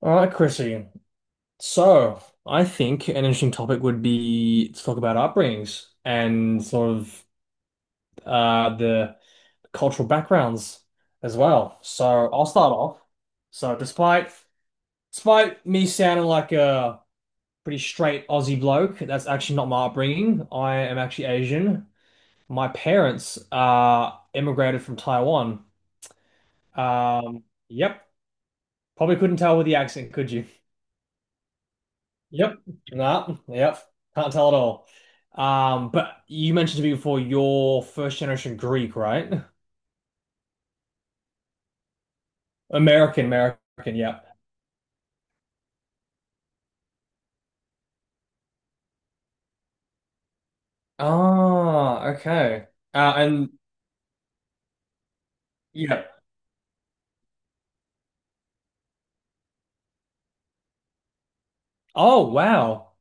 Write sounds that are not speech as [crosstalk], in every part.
All right, Chrissy. So, I think an interesting topic would be to talk about upbringings and sort of the cultural backgrounds as well. So, I'll start off. So, despite me sounding like a pretty straight Aussie bloke, that's actually not my upbringing. I am actually Asian. My parents immigrated from Taiwan. Um, yep, probably couldn't tell with the accent, could you? Yep. Nah, yep. Can't tell at all. But you mentioned to me before you're first generation Greek, right? American, American, yep. Ah, okay. And yeah. Oh, wow.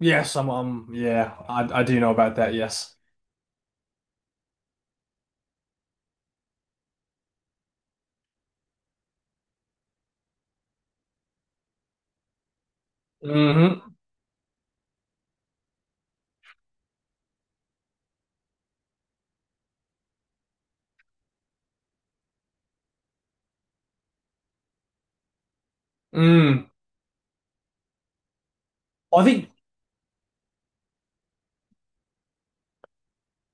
Yes, I do know about that, yes. Hmm. Mm. I think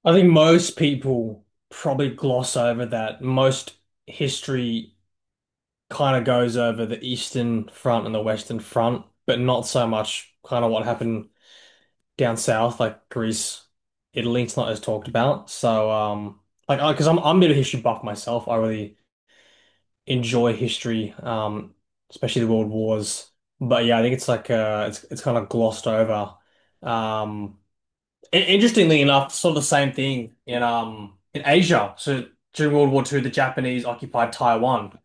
I think most people probably gloss over that. Most history kind of goes over the Eastern Front and the Western Front, but not so much kind of what happened down south, like Greece, Italy, it's not as talked about. So, like, because I'm a bit of a history buff myself. I really enjoy history, especially the World Wars. But yeah, I think it's it's kind of glossed over. Um, Interestingly enough, sort of the same thing in Asia. So during World War Two, the Japanese occupied Taiwan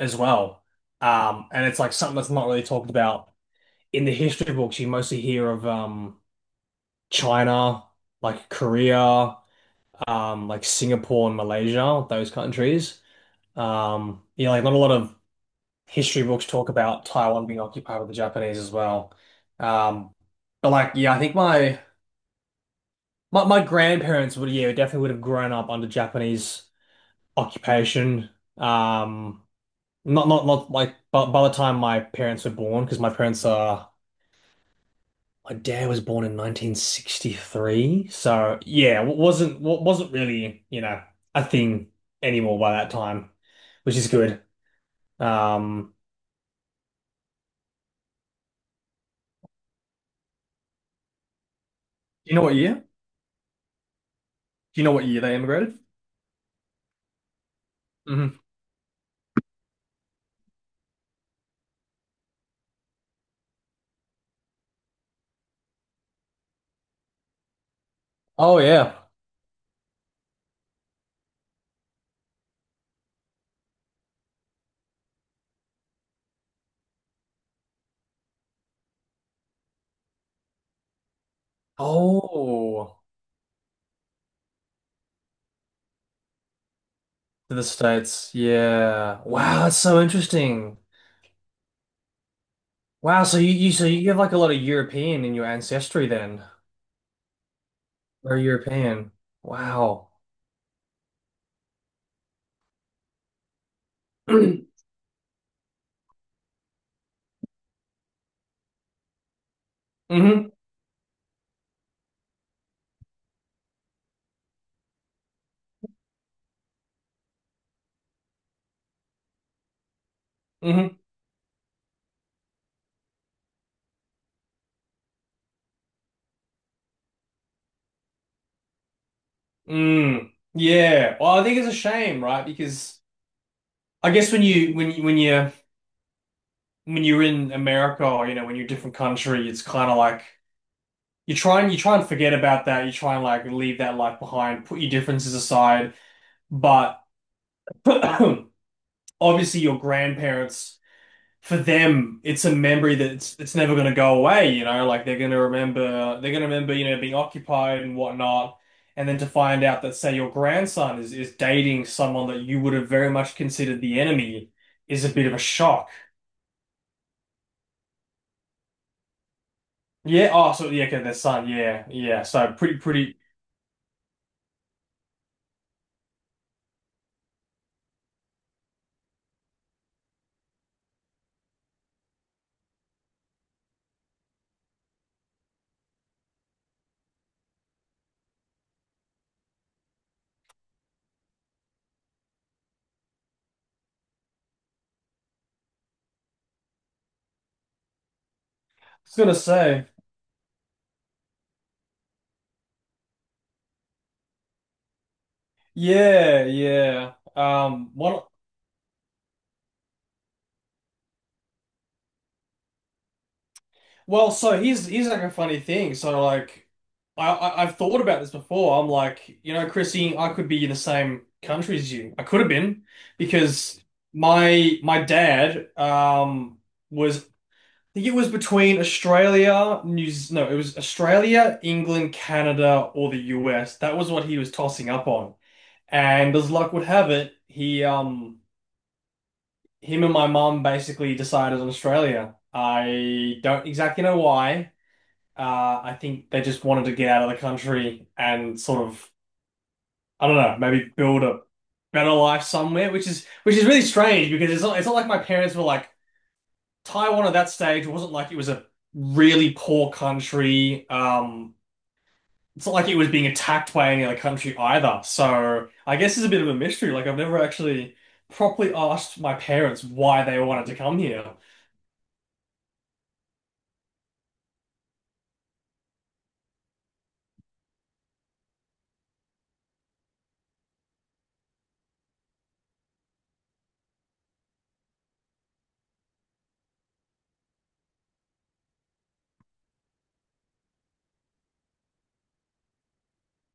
as well. And it's like something that's not really talked about in the history books. You mostly hear of China, like Korea, like Singapore and Malaysia, those countries. Yeah, like not a lot of history books talk about Taiwan being occupied with the Japanese as well. Um, but like, yeah, I think my grandparents would, yeah, definitely would have grown up under Japanese occupation. Um, not like by the time my parents were born, because my parents are my dad was born in 1963, so yeah, wasn't really, you know, a thing anymore by that time, which is good. Um, Do you know what year? Do you know what year they immigrated? Mhm. Oh yeah. Oh, to the States. Yeah. Wow, that's so interesting. Wow, so you so you have like a lot of European in your ancestry then. Very European. Wow. [clears throat] Mm-hmm. Mm-hmm. Mm. Yeah. Well, I think it's a shame, right? Because I guess when you when you when you when you're in America, or you know when you're a different country, it's kind of like you try and forget about that. You try and like leave that life behind, put your differences aside. But [clears throat] obviously, your grandparents, for them, it's a memory that's it's never going to go away. You know, like they're going to remember you know being occupied and whatnot. And then to find out that, say, your grandson is dating someone that you would have very much considered the enemy is a bit of a shock. Yeah. Oh, so yeah, okay, their son. Yeah, yeah. So pretty, pretty. I was gonna say, yeah, yeah. One. Well, so here's like a funny thing. So like, I've thought about this before. I'm like, you know, Chrissy, I could be in the same country as you. I could have been because my dad was I think it was between Australia, no, it was Australia, England, Canada, or the US. That was what he was tossing up on. And as luck would have it, he him and my mum basically decided on Australia. I don't exactly know why. I think they just wanted to get out of the country and sort of I don't know, maybe build a better life somewhere, which is really strange because it's not like my parents were like Taiwan at that stage. It wasn't like it was a really poor country. It's not like he was being attacked by any other country either. So I guess it's a bit of a mystery. Like I've never actually properly asked my parents why they wanted to come here.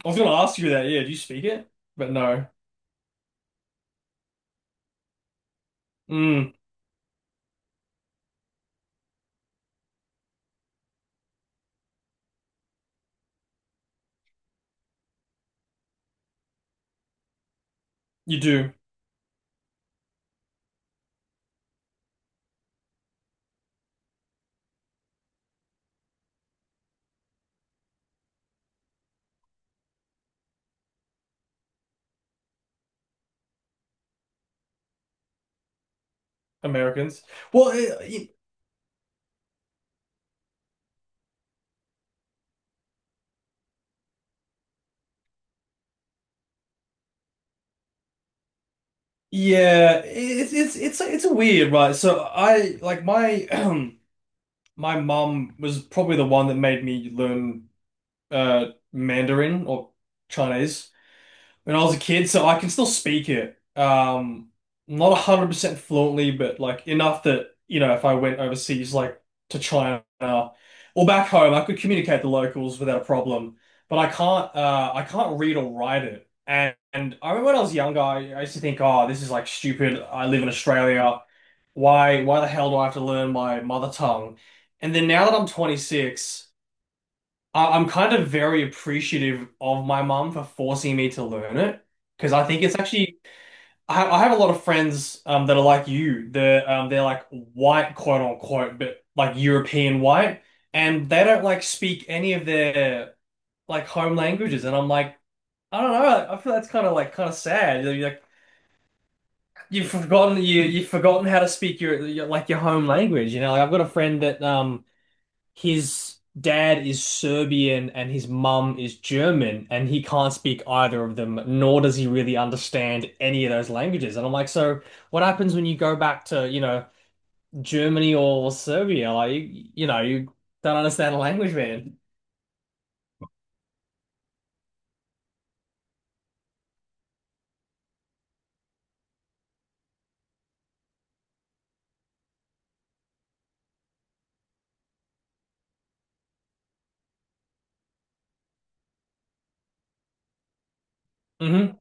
I was gonna ask you that, yeah, do you speak it? But no. Mm, you do, Americans. Well, yeah, it's it's it's a weird, right? So I like my [clears throat] my mum was probably the one that made me learn uh Mandarin or Chinese when I was a kid, so I can still speak it. Not 100% fluently, but like enough that, you know, if I went overseas, like to China or back home, I could communicate the locals without a problem. But I can't read or write it. And I remember when I was younger, I used to think, oh, this is like stupid. I live in Australia. Why the hell do I have to learn my mother tongue? And then now that I'm 26, I'm kind of very appreciative of my mum for forcing me to learn it because I think it's actually I have a lot of friends that are like you. They're like white, quote unquote, but like European white, and they don't like speak any of their like home languages. And I'm like, I don't know. I feel that's kind of like kind of sad. You're like you you've forgotten how to speak your like your home language. You know, like I've got a friend that his dad is Serbian and his mum is German, and he can't speak either of them, nor does he really understand any of those languages. And I'm like, so what happens when you go back to, you know, Germany or Serbia? Like, you know, you don't understand the language, man. Hmm.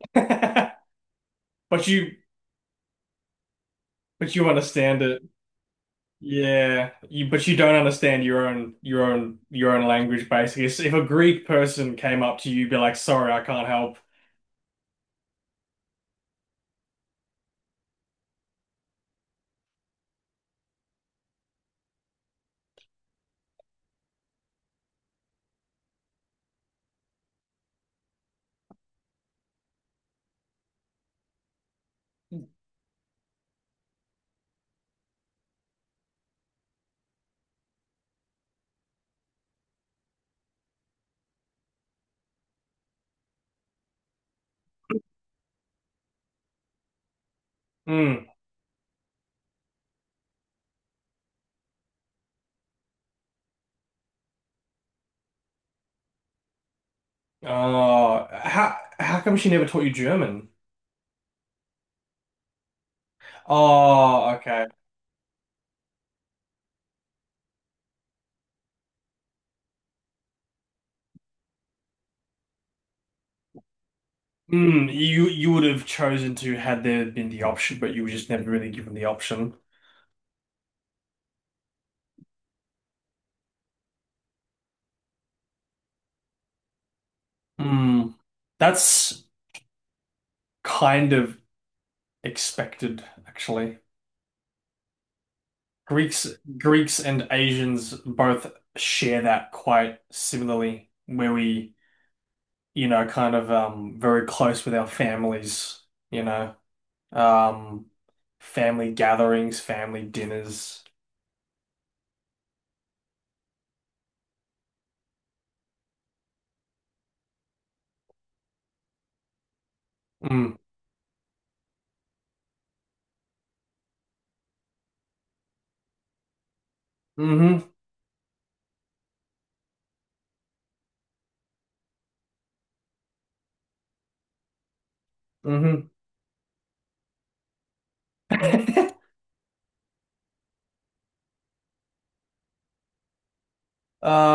[laughs] But but you understand it. Yeah, but you don't understand your own language basically. So if a Greek person came up to you, be like, "Sorry, I can't help." Hmm. Oh, how come she never taught you German? Oh, okay. Mm, you would have chosen to had there been the option, but you were just never really given the option. Mm, that's kind of expected, actually. Greeks Greeks and Asians both share that quite similarly, where we, you know, kind of very close with our families, you know, um family gatherings, family dinners. Mm. Hmm. Mm-hmm. Mm-hmm. [laughs] uh,